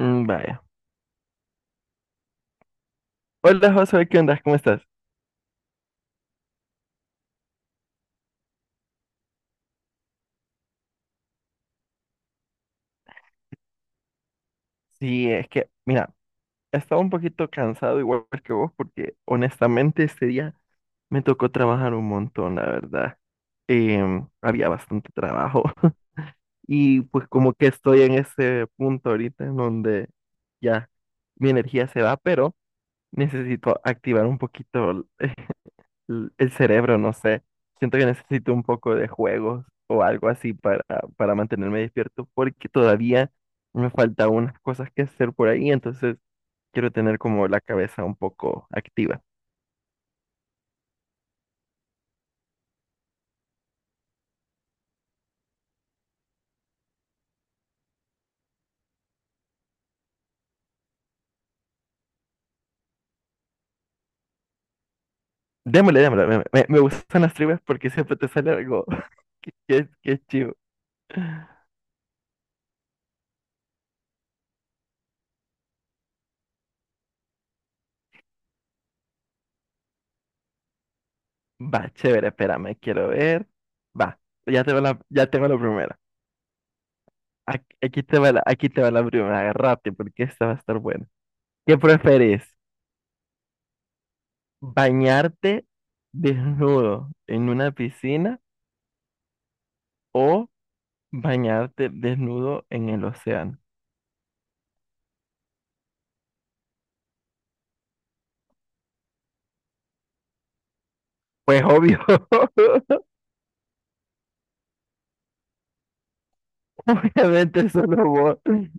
Mm. Vaya. Hola, Josué, ¿qué onda? ¿Cómo estás? Sí, es que, mira, estaba un poquito cansado igual que vos porque honestamente este día me tocó trabajar un montón, la verdad. Había bastante trabajo y pues como que estoy en ese punto ahorita en donde ya mi energía se va, pero necesito activar un poquito el cerebro, no sé. Siento que necesito un poco de juegos o algo así para mantenerme despierto porque todavía me falta unas cosas que hacer por ahí, entonces quiero tener como la cabeza un poco activa. Démosle, démosle, me gustan las trivias porque siempre te sale algo que es chivo. Va, chévere, espérame, quiero ver. Va, ya tengo la primera. Aquí te va la primera, rápido porque esta va a estar buena. ¿Qué preferís? ¿Bañarte desnudo en una piscina o bañarte desnudo en el océano? Pues obvio. Obviamente solo vos.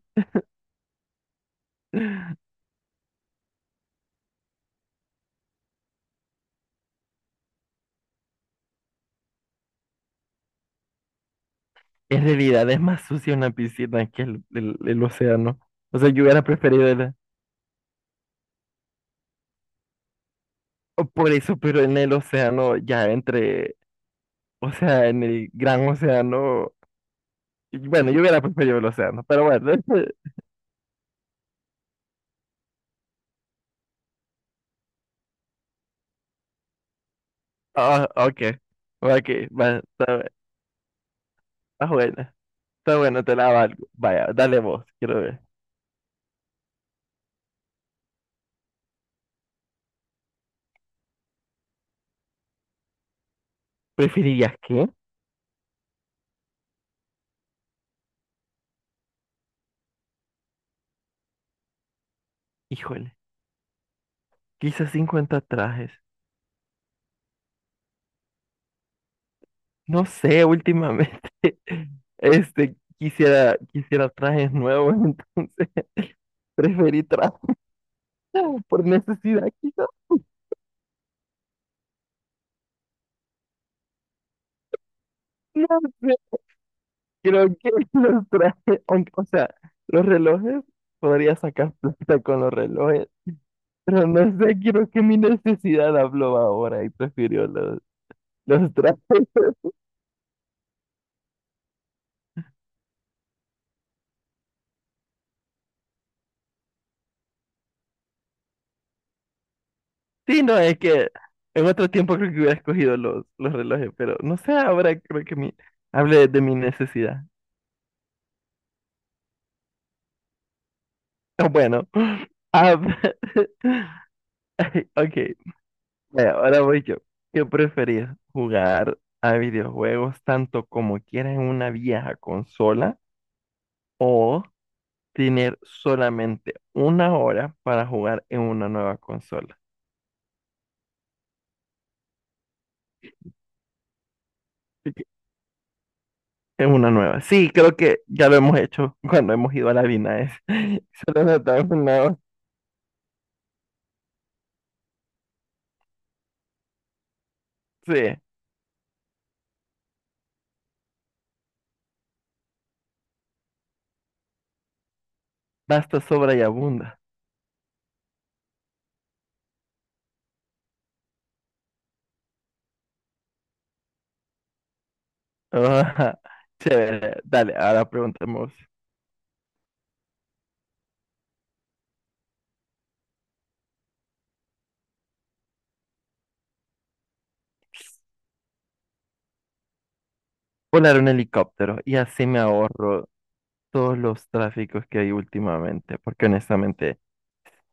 En realidad es más sucio una piscina que el océano. O sea, yo hubiera preferido. O por eso, pero en el océano, ya entre, o sea, en el gran océano, y bueno, yo hubiera preferido el océano, pero bueno. Ah, ok, ok, va, está bien, está bueno. Está bueno, te la valgo. Vaya, dale vos, quiero ver. ¿Preferirías qué? Híjole, quizás 50 trajes. No sé, últimamente. Este, quisiera trajes nuevos, entonces preferí trajes por necesidad, quizás. No sé, creo que los trajes, o sea, los relojes, podría sacar plata con los relojes, pero no sé, creo que mi necesidad habló ahora y prefirió los trajes. Sí, no, es que en otro tiempo creo que hubiera escogido los relojes, pero no sé, ahora creo que mi, hablé de mi necesidad. Bueno, ah, ay, ok, bueno, ahora voy yo. ¿Qué preferís? ¿Jugar a videojuegos tanto como quieras en una vieja consola o tener solamente una hora para jugar en una nueva consola? Y que- En una nueva. Sí, creo que ya lo hemos hecho cuando hemos ido a la Vina. Solo nos dan una hora. Sí. Basta, sobra y abunda. Ah, chévere. Dale, ahora preguntemos. Volar un helicóptero y así me ahorro todos los tráficos que hay últimamente, porque honestamente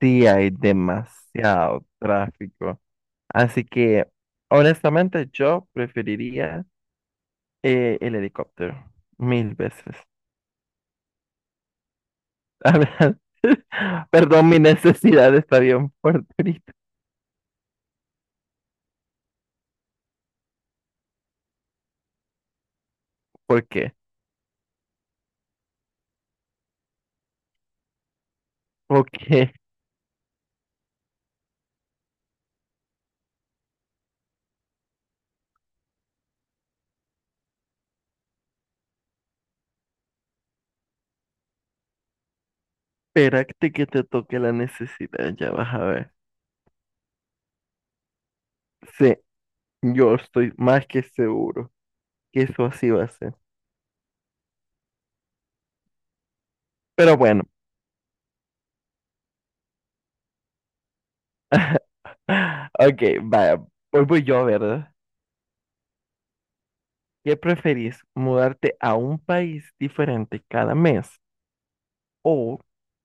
sí hay demasiado tráfico. Así que, honestamente, yo preferiría el helicóptero mil veces. A ver, perdón, mi necesidad está bien fuerte ahorita. ¿Por qué? Porque espérate que te toque la necesidad, ya vas a ver. Sí, yo estoy más que seguro que eso así va a ser. Pero bueno. Ok, vaya, hoy voy yo, ¿verdad? ¿Qué preferís, mudarte a un país diferente cada mes o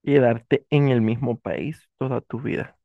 quedarte en el mismo país toda tu vida?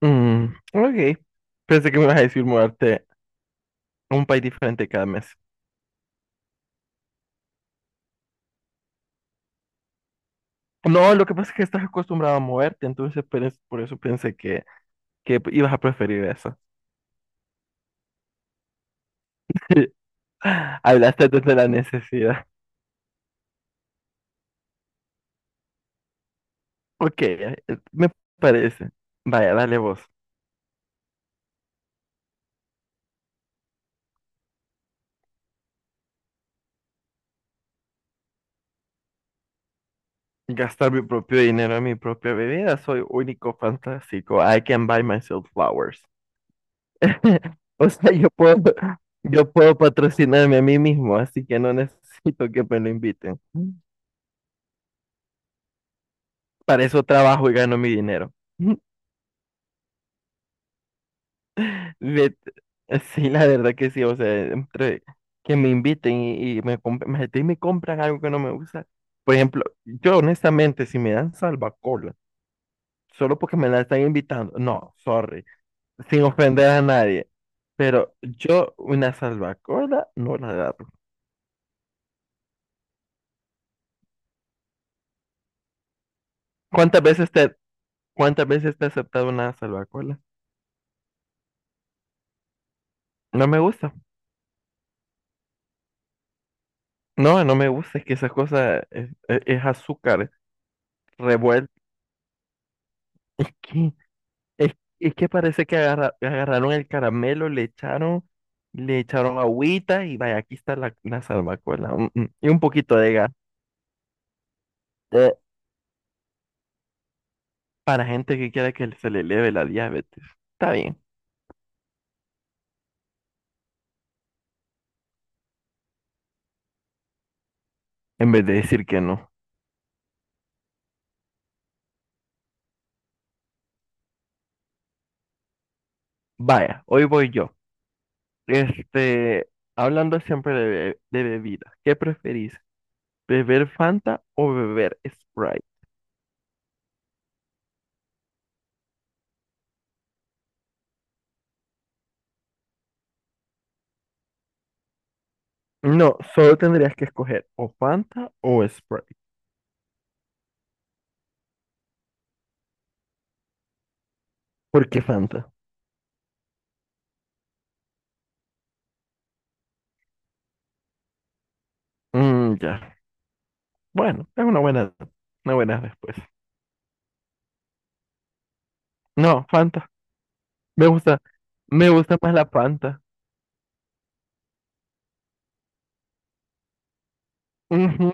Mm, ok, pensé que me ibas a decir mudarte a un país diferente cada mes. No, lo que pasa es que estás acostumbrado a moverte, entonces pues, por eso pensé que ibas a preferir eso. Hablaste desde la necesidad. Ok, me parece. Vaya, dale vos. Gastar mi propio dinero en mi propia bebida. Soy único, fantástico. I can buy myself flowers. O sea, yo puedo patrocinarme a mí mismo, así que no necesito que me lo inviten. Para eso trabajo y gano mi dinero. Ve- Sí, la verdad que sí. O sea, entre que me inviten y me compran algo que no me gusta. Por ejemplo, yo honestamente, si me dan salva solo porque me la están invitando. No, sorry, sin ofender a nadie. Pero yo una salvacola no la agarro. ¿Cuántas veces te, cuántas veces te he aceptado una salvacola? No me gusta. No, no me gusta. Es que esa cosa es, es azúcar revuelto. Es que, es, es que parece que agarraron el caramelo, le echaron agüita y vaya, aquí está la salvacola. Mm, mm. Y un poquito de gas. Eh, Para gente que quiera que se le eleve la diabetes. Está bien. En vez de decir que no. Vaya, hoy voy yo. Este, hablando siempre de, bebida, ¿qué preferís? ¿Beber Fanta o beber Sprite? No, solo tendrías que escoger o Fanta o Sprite. ¿Por qué Fanta? Mm, ya. Bueno, es una buena respuesta. No, Fanta. Me gusta, me gusta más la Fanta. Ujú.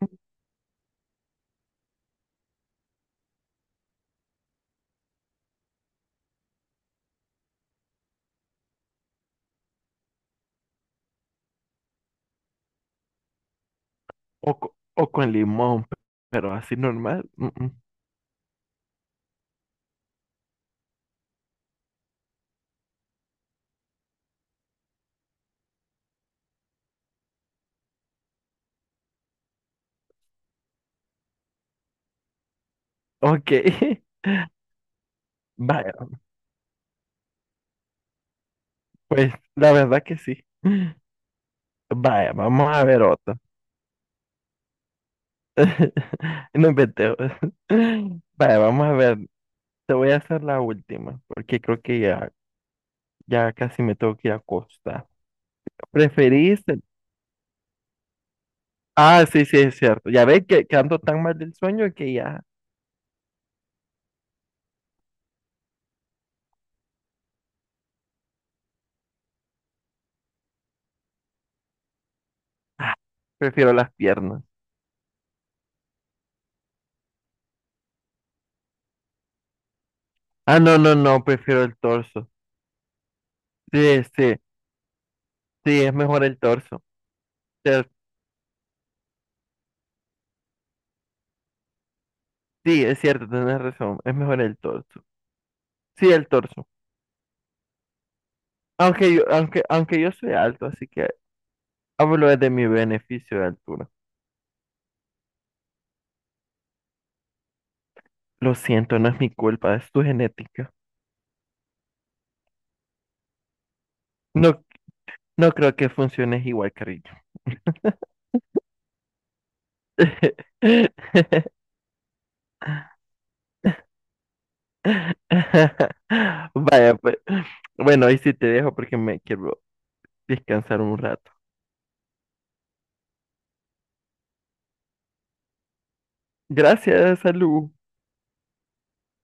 O, o con limón, pero así normal. Mm, mm. Ok. Vaya, pues la verdad que sí. Vaya, vamos a ver otra. No inventé. Vaya, vamos a ver. Te voy a hacer la última, porque creo que ya, ya casi me tengo que ir a acostar. ¿Preferís? Ah, sí, sí, es cierto. Ya ves que ando tan mal del sueño que ya prefiero las piernas. Ah, no, no, no, prefiero el torso. Sí, sí, sí, es mejor el torso. Te- Sí, es cierto, tenés razón, es mejor el torso. Sí, el torso. Aunque yo soy alto, así que hablo de mi beneficio de altura. Lo siento, no es mi culpa, es tu genética. No, no creo que funciones igual, cariño. Vaya, pues. Bueno, ahí sí te dejo porque me quiero descansar un rato. Gracias, salud.